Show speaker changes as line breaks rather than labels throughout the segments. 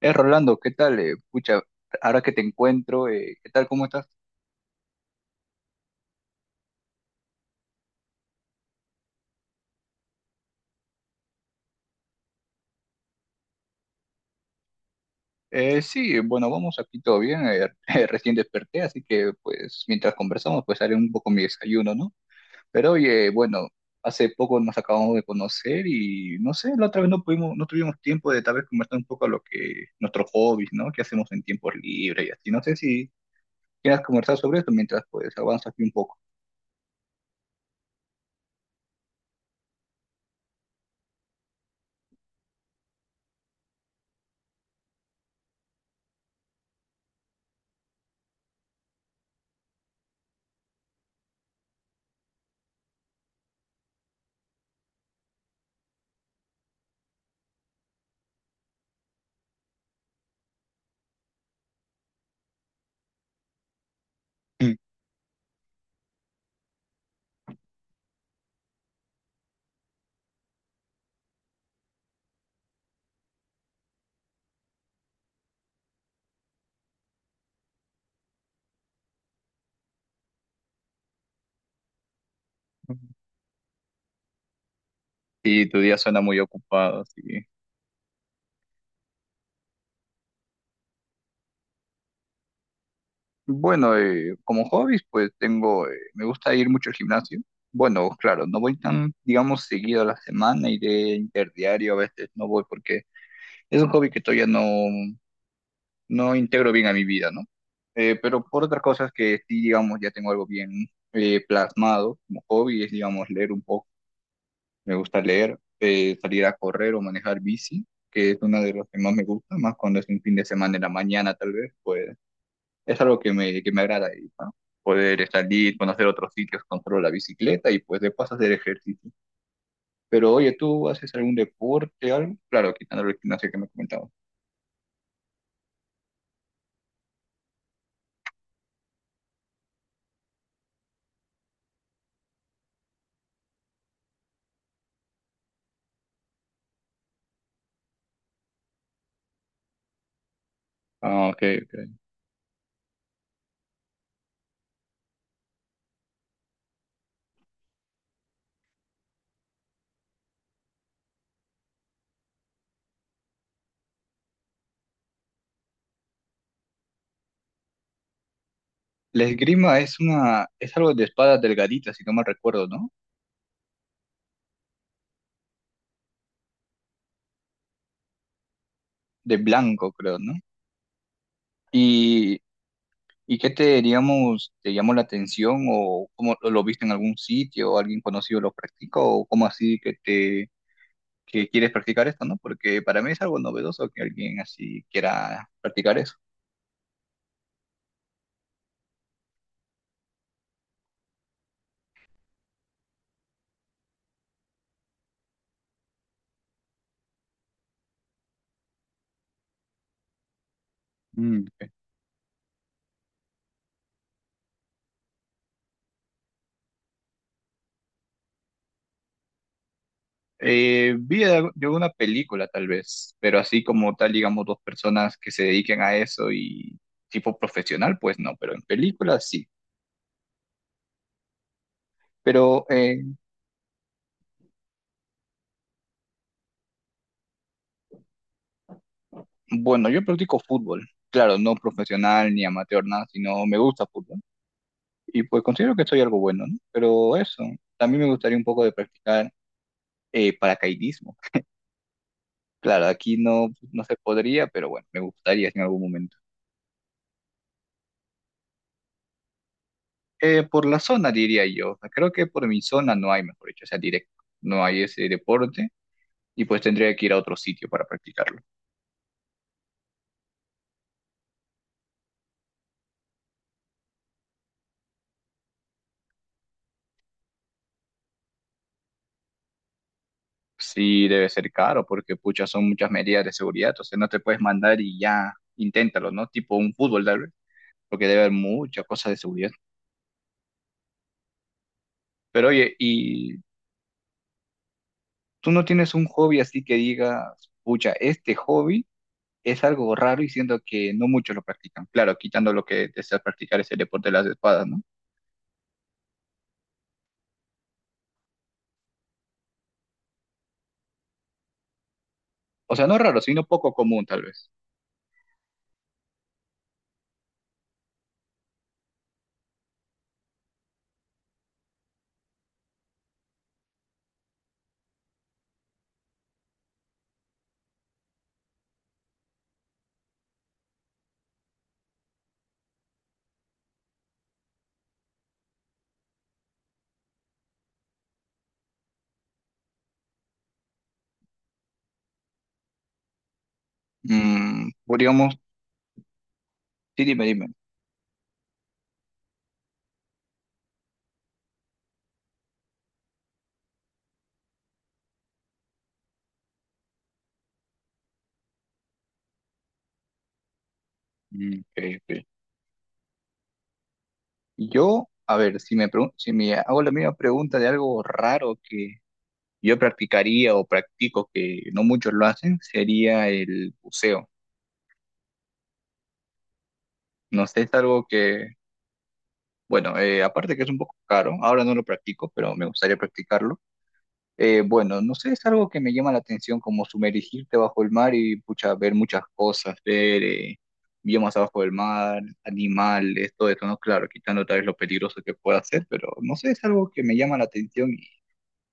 Rolando, ¿qué tal? Pucha, ahora que te encuentro, ¿qué tal? ¿Cómo estás? Sí, bueno, vamos aquí todo bien. Recién desperté, así que pues mientras conversamos, pues haré un poco mi desayuno, ¿no? Pero oye, bueno, hace poco nos acabamos de conocer y no sé, la otra vez no pudimos, no tuvimos tiempo de tal vez conversar un poco lo que nuestros hobbies, ¿no? ¿Qué hacemos en tiempos libres y así? No sé si quieras conversar sobre esto mientras pues avanzas aquí un poco. Mm. Sí, tu día suena muy ocupado, sí. Bueno, como hobbies, pues tengo, me gusta ir mucho al gimnasio. Bueno, claro, no voy tan, digamos, seguido a la semana, iré interdiario, a veces no voy porque es un hobby que todavía no, no integro bien a mi vida, ¿no? Pero por otras cosas que sí, digamos, ya tengo algo bien plasmado como hobby, es, digamos, leer un poco. Me gusta leer, salir a correr o manejar bici, que es una de las que más me gusta, más cuando es un fin de semana en la mañana, tal vez, pues es algo que que me agrada, y, ¿no? Poder salir, conocer otros sitios, controlar la bicicleta y pues de paso hacer ejercicio. Pero oye, ¿tú haces algún deporte, algo? Claro, quitando el gimnasio que me comentabas. Ah, ok, ok. La esgrima es una, es algo de espadas delgaditas, si no mal recuerdo, ¿no? De blanco, creo, ¿no? Y, ¿Y qué te, digamos, te llamó la atención o cómo lo viste en algún sitio o alguien conocido lo practica o cómo así que te que quieres practicar esto, ¿no? Porque para mí es algo novedoso que alguien así quiera practicar eso. Mm, ok. Yo una película tal vez, pero así como tal, digamos, dos personas que se dediquen a eso y tipo profesional, pues no, pero en películas sí. Pero eh, bueno, yo practico fútbol, claro, no profesional ni amateur, nada, sino me gusta fútbol. Y pues considero que soy algo bueno, ¿no? Pero eso, también me gustaría un poco de practicar paracaidismo. Claro, aquí no, no se podría, pero bueno, me gustaría en algún momento. Por la zona diría yo, creo que por mi zona no hay, mejor dicho, o sea, directo, no hay ese deporte y pues tendría que ir a otro sitio para practicarlo. Sí, debe ser caro porque pucha, son muchas medidas de seguridad, o sea, no te puedes mandar y ya, inténtalo, ¿no? Tipo un fútbol tal vez, porque debe haber muchas cosas de seguridad. Pero oye, ¿y tú no tienes un hobby así que digas, pucha, este hobby es algo raro y siento que no muchos lo practican? Claro, quitando lo que desea practicar es el deporte de las espadas, ¿no? O sea, no raro, sino poco común tal vez. Mm, podríamos, sí, dime, dime. Mm, ok, ok. Yo, a ver, si me, si me hago la misma pregunta de algo raro que yo practicaría o practico que no muchos lo hacen, sería el buceo. No sé, es algo que, bueno, aparte que es un poco caro, ahora no lo practico, pero me gustaría practicarlo. Bueno, no sé, es algo que me llama la atención, como sumergirte bajo el mar y pucha, ver muchas cosas, ver biomas abajo del mar, animales, todo esto, ¿no? Claro, quitando tal vez lo peligroso que pueda ser, pero no sé, es algo que me llama la atención y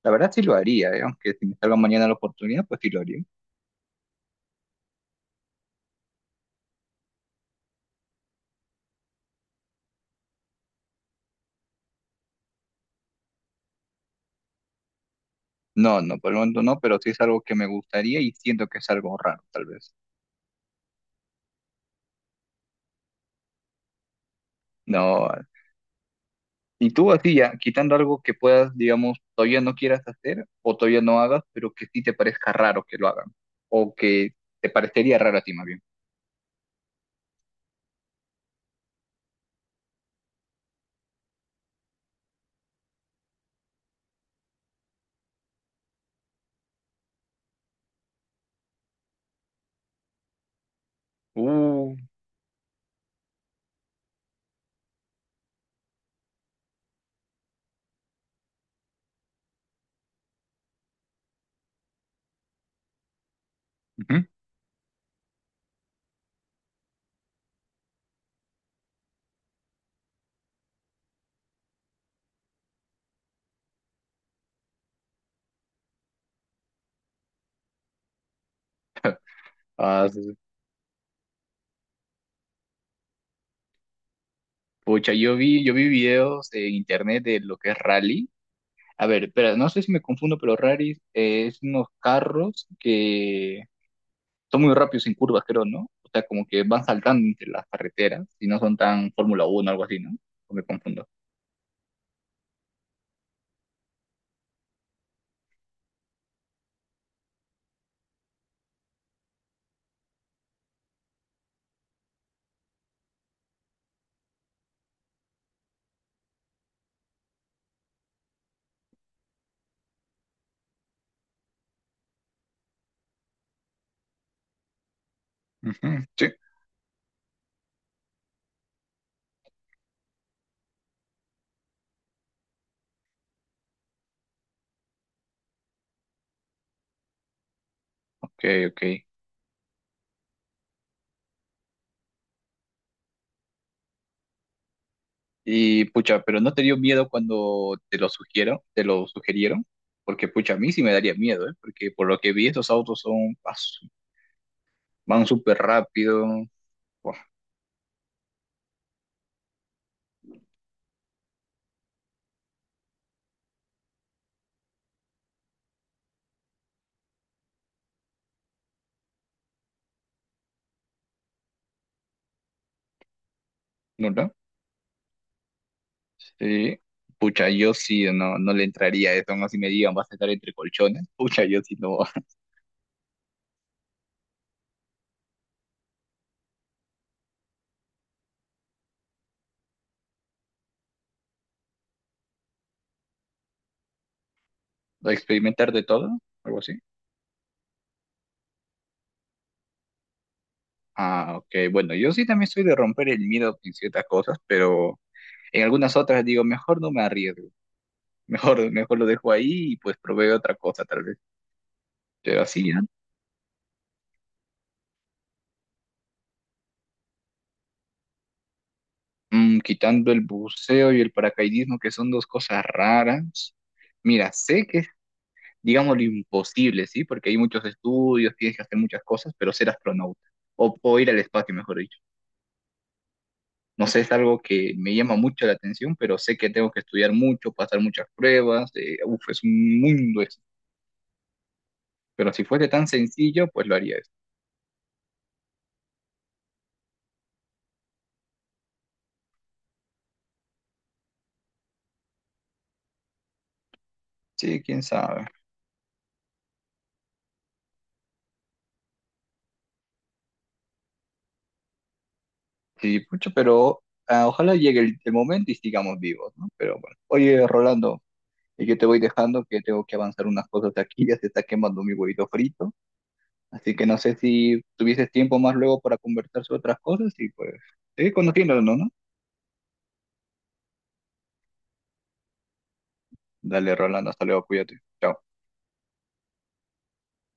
la verdad sí lo haría, ¿eh? Aunque si me salga mañana la oportunidad, pues sí lo haría. No, no, por el momento no, pero sí es algo que me gustaría y siento que es algo raro, tal vez. No, y tú así ya, quitando algo que puedas, digamos, todavía no quieras hacer o todavía no hagas, pero que sí te parezca raro que lo hagan o que te parecería raro a ti más bien. Uh, ujú. Ah, sí, sí. Pucha, yo vi videos en internet de lo que es rally. A ver, espera, no sé si me confundo, pero rally es unos carros que son muy rápidos en curvas, creo, ¿no? O sea, como que van saltando entre las carreteras y no son tan Fórmula uno o algo así, ¿no? O me confundo. Ujú, sí, ok, ok. Y pucha, pero ¿no te dio miedo cuando te lo sugerieron? Porque pucha, a mí sí me daría miedo, ¿eh? Porque por lo que vi, estos autos son, van súper rápido. Buah, ¿no, no? Sí. Pucha, yo sí no, no le entraría a eso, no si me digan, vas a estar entre colchones. Pucha, yo sí no. ¿A experimentar de todo? Algo así. Ah, ok. Bueno, yo sí también soy de romper el miedo en ciertas cosas, pero en algunas otras digo, mejor no me arriesgo. Mejor lo dejo ahí y pues proveo otra cosa tal vez. Pero así, ¿no? Mm, quitando el buceo y el paracaidismo, que son dos cosas raras. Mira, sé que es, digamos, lo imposible, ¿sí? Porque hay muchos estudios, tienes que hacer muchas cosas, pero ser astronauta o ir al espacio, mejor dicho. No sé, es algo que me llama mucho la atención, pero sé que tengo que estudiar mucho, pasar muchas pruebas. Uf, es un mundo eso. Pero si fuese tan sencillo, pues lo haría eso. Sí, quién sabe. Sí, pucha, pero ah, ojalá llegue el momento y sigamos vivos, ¿no? Pero bueno. Oye, Rolando. Y yo te voy dejando que tengo que avanzar unas cosas aquí, ya se está quemando mi huevito frito. Así que no sé si tuvieses tiempo más luego para conversar sobre otras cosas y pues seguir conociéndonos, ¿no? Dale, Rolando, hasta luego, cuídate. Chao.